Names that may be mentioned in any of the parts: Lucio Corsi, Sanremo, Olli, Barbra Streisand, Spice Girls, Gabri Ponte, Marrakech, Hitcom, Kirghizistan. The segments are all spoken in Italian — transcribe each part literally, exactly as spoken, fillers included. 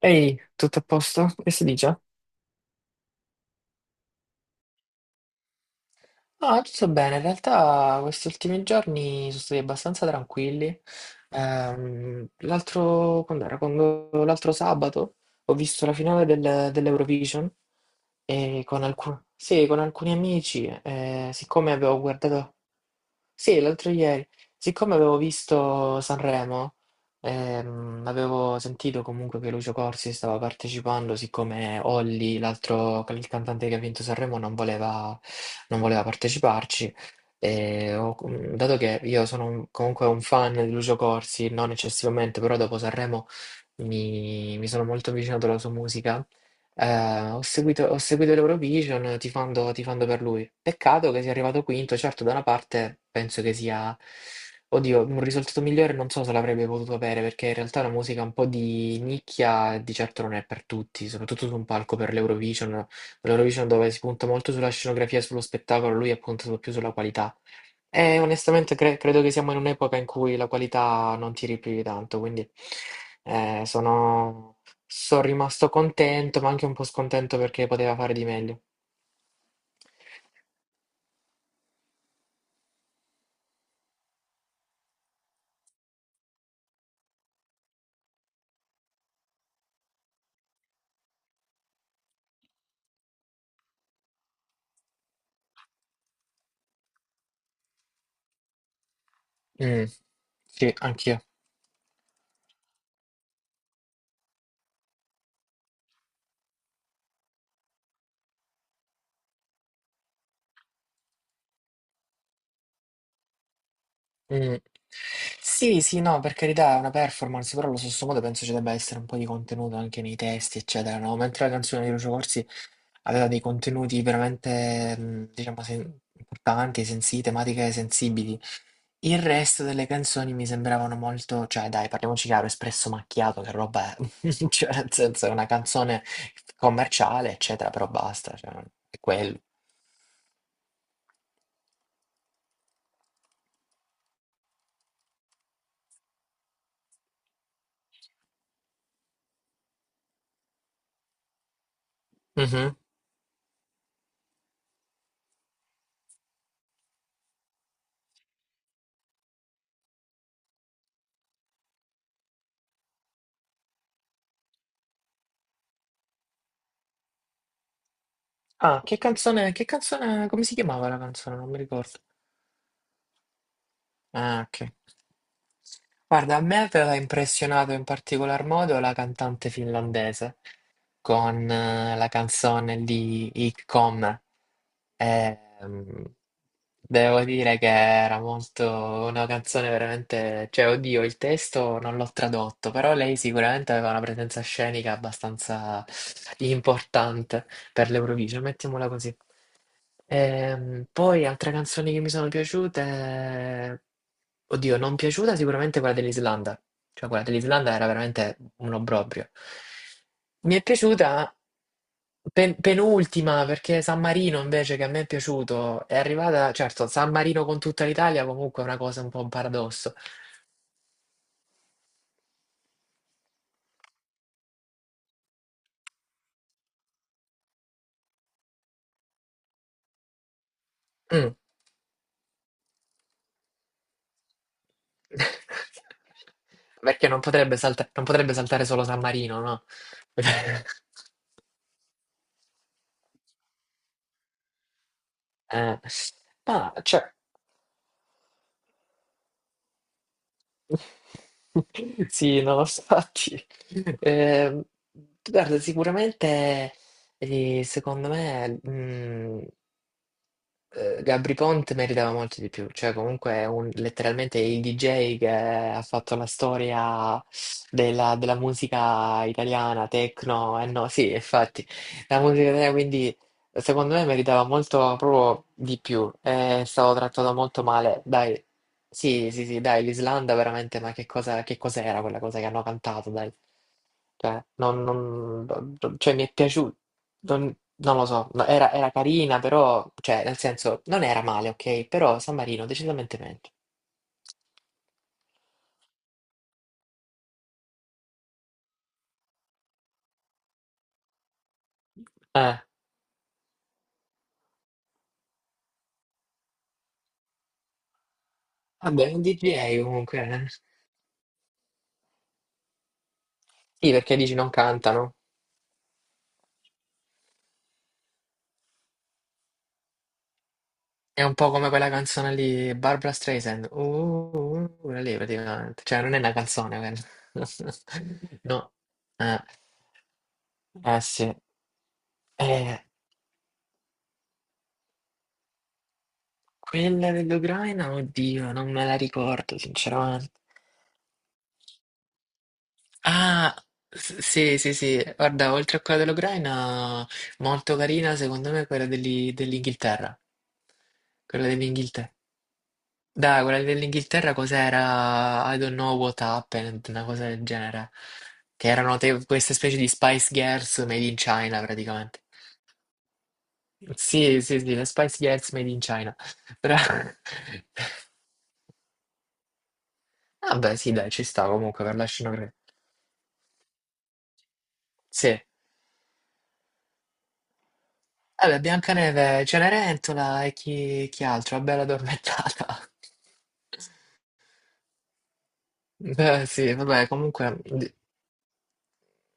Ehi, tutto a posto? Che si dice? Ah, tutto bene. In realtà questi ultimi giorni sono stati abbastanza tranquilli. Ehm, l'altro, quando era? Quando- l'altro sabato ho visto la finale del- dell'Eurovision e con, alcu- sì, con alcuni amici. Eh, siccome avevo guardato, sì, l'altro ieri, siccome avevo visto Sanremo, ehm, avevo sentito comunque che Lucio Corsi stava partecipando, siccome Olli, l'altro il cantante che ha vinto Sanremo, non voleva, non voleva parteciparci. E ho- mhmm, dato che io sono un- comunque un fan di Lucio Corsi, non eccessivamente, però dopo Sanremo mi, mi sono molto avvicinato alla sua musica. Eh, ho seguito, ho seguito l'Eurovision tifando, tifando per lui. Peccato che sia arrivato quinto. Certo, da una parte penso che sia, oddio, un risultato migliore non so se l'avrebbe potuto avere, perché in realtà la musica un po' di nicchia di certo non è per tutti, soprattutto su un palco per l'Eurovision, l'Eurovision dove si punta molto sulla scenografia e sullo spettacolo, lui ha puntato più sulla qualità. E onestamente cre- credo che siamo in un'epoca in cui la qualità non tiri più di tanto, quindi eh, sono, sono rimasto contento, ma anche un po' scontento perché poteva fare di meglio. Mm, sì, anch'io. Mm. Sì, sì, no, per carità, è una performance, però allo stesso modo penso ci debba essere un po' di contenuto anche nei testi, eccetera, no? Mentre la canzone di Lucio Corsi aveva dei contenuti veramente, mm, diciamo, sen- importanti, sensibili, tematiche sensibili. Il resto delle canzoni mi sembravano molto, cioè dai, parliamoci chiaro, Espresso Macchiato che roba è? Cioè nel senso è una canzone commerciale, eccetera, però basta, cioè è quello. Mh-mh. Ah, che canzone, che canzone, come si chiamava la canzone? Non mi ricordo. Ah, okay. Guarda, a me aveva impressionato in particolar modo la cantante finlandese, con eh, la canzone di Hitcom. Ehm, Devo dire che era molto una canzone veramente, cioè, oddio, il testo non l'ho tradotto, però lei sicuramente aveva una presenza scenica abbastanza importante per l'Eurovision, mettiamola così. Ehm, poi altre canzoni che mi sono piaciute, oddio, non piaciuta sicuramente quella dell'Islanda, cioè quella dell'Islanda era veramente un obbrobrio. Mi è piaciuta pen- penultima perché San Marino invece, che a me è piaciuto, è arrivata, certo, San Marino con tutta l'Italia comunque è una cosa un po' un paradosso. Mm. Perché non potrebbe salta- non potrebbe saltare solo San Marino, no? Eh, ma cioè, sì, no, infatti, ehm, guarda, sicuramente, eh, secondo me, mm, eh, Gabri Ponte meritava molto di più, cioè comunque è un- letteralmente il D J che ha fatto la storia della, della musica italiana, techno, e no, sì, infatti, la musica italiana quindi... Secondo me meritava molto proprio di più, eh, è stato trattato molto male. Dai, sì, sì, sì, dai, l'Islanda veramente, ma che cosa, che cos'era quella cosa che hanno cantato, dai? Cioè, non, non- non- cioè, mi è piaciuto, non, non lo so, no, era, era carina, però, cioè, nel senso, non era male, ok? Però San Marino decisamente meglio. Eh, vabbè, è un D J comunque. eh. Sì, perché dici non cantano. È un po' come quella canzone lì, Barbra Streisand. Uh, uh, uh, quella lì praticamente. Cioè, non è una canzone quella. No. Eh, eh sì. Eh, Quella dell'Ucraina, oddio, non me la ricordo, sinceramente. Ah, s- sì, sì, sì, guarda, oltre a quella dell'Ucraina, molto carina, secondo me, quella degli- dell'Inghilterra. Quella dell'Inghilterra. Dai, quella dell'Inghilterra cos'era? I don't know what happened, una cosa del genere. Che erano te- queste specie di Spice Girls made in China, praticamente. Sì, sì, sì, le Spice Girls made in China. Però- Vabbè, sì, dai, ci sta comunque per la scenografia. Sì. Vabbè, Biancaneve, Cenerentola e chi, chi altro? La Bella Addormentata. Beh, sì, vabbè, comunque... di-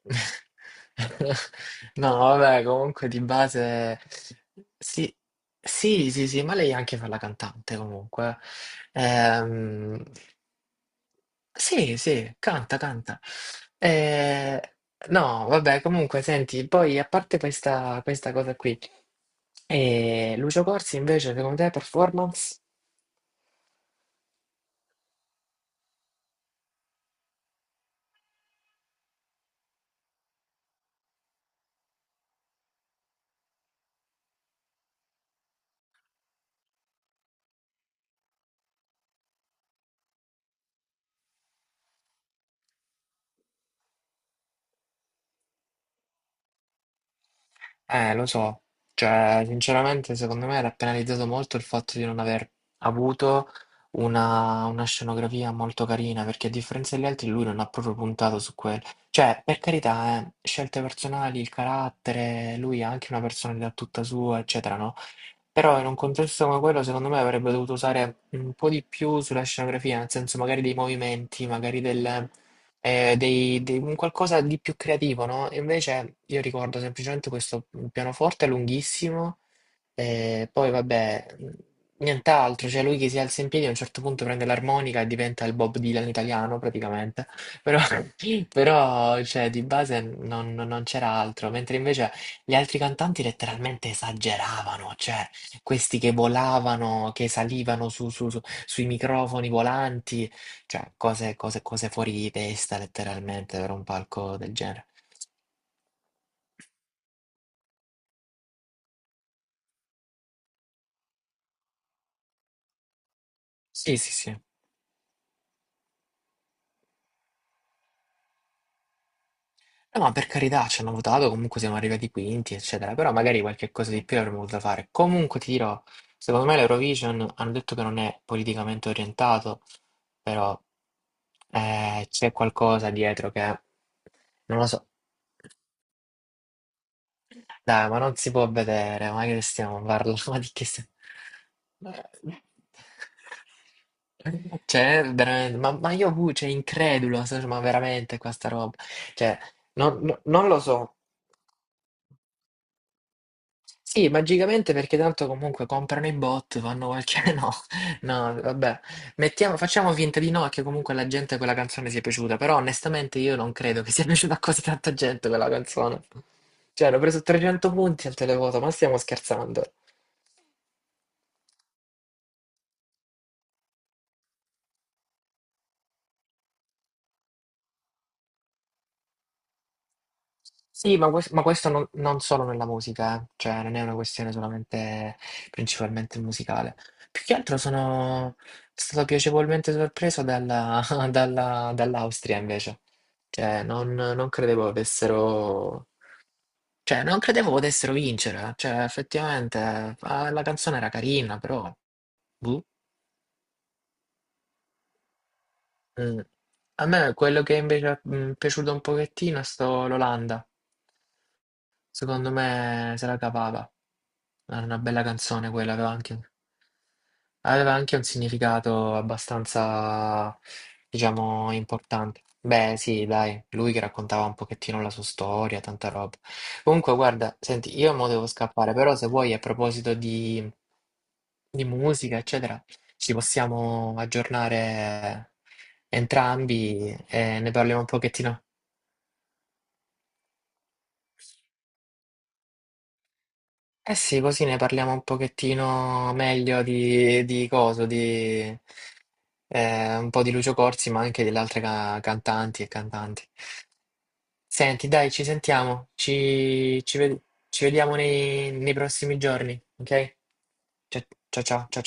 No, vabbè, comunque di base... Sì, sì, sì, sì, ma lei anche fa la cantante comunque. Ehm, Sì, sì, canta, canta. Eh, no, vabbè, comunque, senti, poi a parte questa, questa cosa qui, eh, Lucio Corsi invece, secondo te, performance? Eh, lo so, cioè, sinceramente, secondo me era penalizzato molto il fatto di non aver avuto una, una scenografia molto carina, perché a differenza degli altri lui non ha proprio puntato su quello. Cioè, per carità, eh, scelte personali, il carattere, lui ha anche una personalità tutta sua, eccetera, no? Però in un contesto come quello, secondo me avrebbe dovuto usare un po' di più sulla scenografia, nel senso magari dei movimenti, magari del, eh, dei- dei- un qualcosa di più creativo, no? E invece io ricordo semplicemente questo pianoforte lunghissimo e poi vabbè, mh, nient'altro, cioè lui che si alza in piedi a un certo punto, prende l'armonica e diventa il Bob Dylan italiano praticamente, però, però, cioè, di base non, non- non c'era altro, mentre invece gli altri cantanti letteralmente esageravano, cioè questi che volavano, che salivano su- su- su- sui microfoni volanti, cioè cose, cose- cose fuori di testa letteralmente per un palco del genere. Sì, sì, sì. Eh, ma per carità, ci hanno votato, comunque siamo arrivati quinti, eccetera, però magari qualche cosa di più avremmo voluto fare. Comunque ti dirò, secondo me l'Eurovision hanno detto che non è politicamente orientato, però eh, c'è qualcosa dietro che non lo so. Dai, ma non si può vedere, ma che stiamo parlando? Ma di che stiamo... Cioè, veramente, ma, ma io, uh, cioè, incredulo, so- ma veramente questa roba, cioè, non, non- non lo so. Sì, magicamente perché tanto comunque comprano i bot, fanno qualche... No, no, vabbè. Mettiamo, facciamo finta di no, che comunque alla gente quella canzone sia piaciuta, però onestamente io non credo che sia piaciuta a così tanta gente quella canzone. Cioè, hanno preso trecento punti al televoto, ma stiamo scherzando. Sì, ma, quest- ma questo non, non solo nella musica, eh. Cioè non è una questione solamente principalmente musicale. Più che altro sono stato piacevolmente sorpreso dalla- dalla- dall'Austria invece. Cioè non, non credevo avessero... Cioè non credevo potessero vincere. eh. Cioè effettivamente eh, ah, la canzone era carina, però... boh. Mm. A me quello che invece è, mm, piaciuto un pochettino è stato l'Olanda. Secondo me se la cavava. Era una bella canzone quella, aveva anche, aveva anche un significato abbastanza, diciamo, importante. Beh, sì, dai, lui che raccontava un pochettino la sua storia, tanta roba. Comunque, guarda, senti, io mo devo scappare, però se vuoi, a proposito di, di musica, eccetera, ci possiamo aggiornare entrambi e ne parliamo un pochettino. Eh sì, così ne parliamo un pochettino meglio di, di coso, di eh, un po' di Lucio Corsi, ma anche delle altre ca- cantanti e cantanti. Senti, dai, ci sentiamo, ci, ci ved- ci vediamo nei, nei prossimi giorni, ok? ciao ciao ciao. Ciao.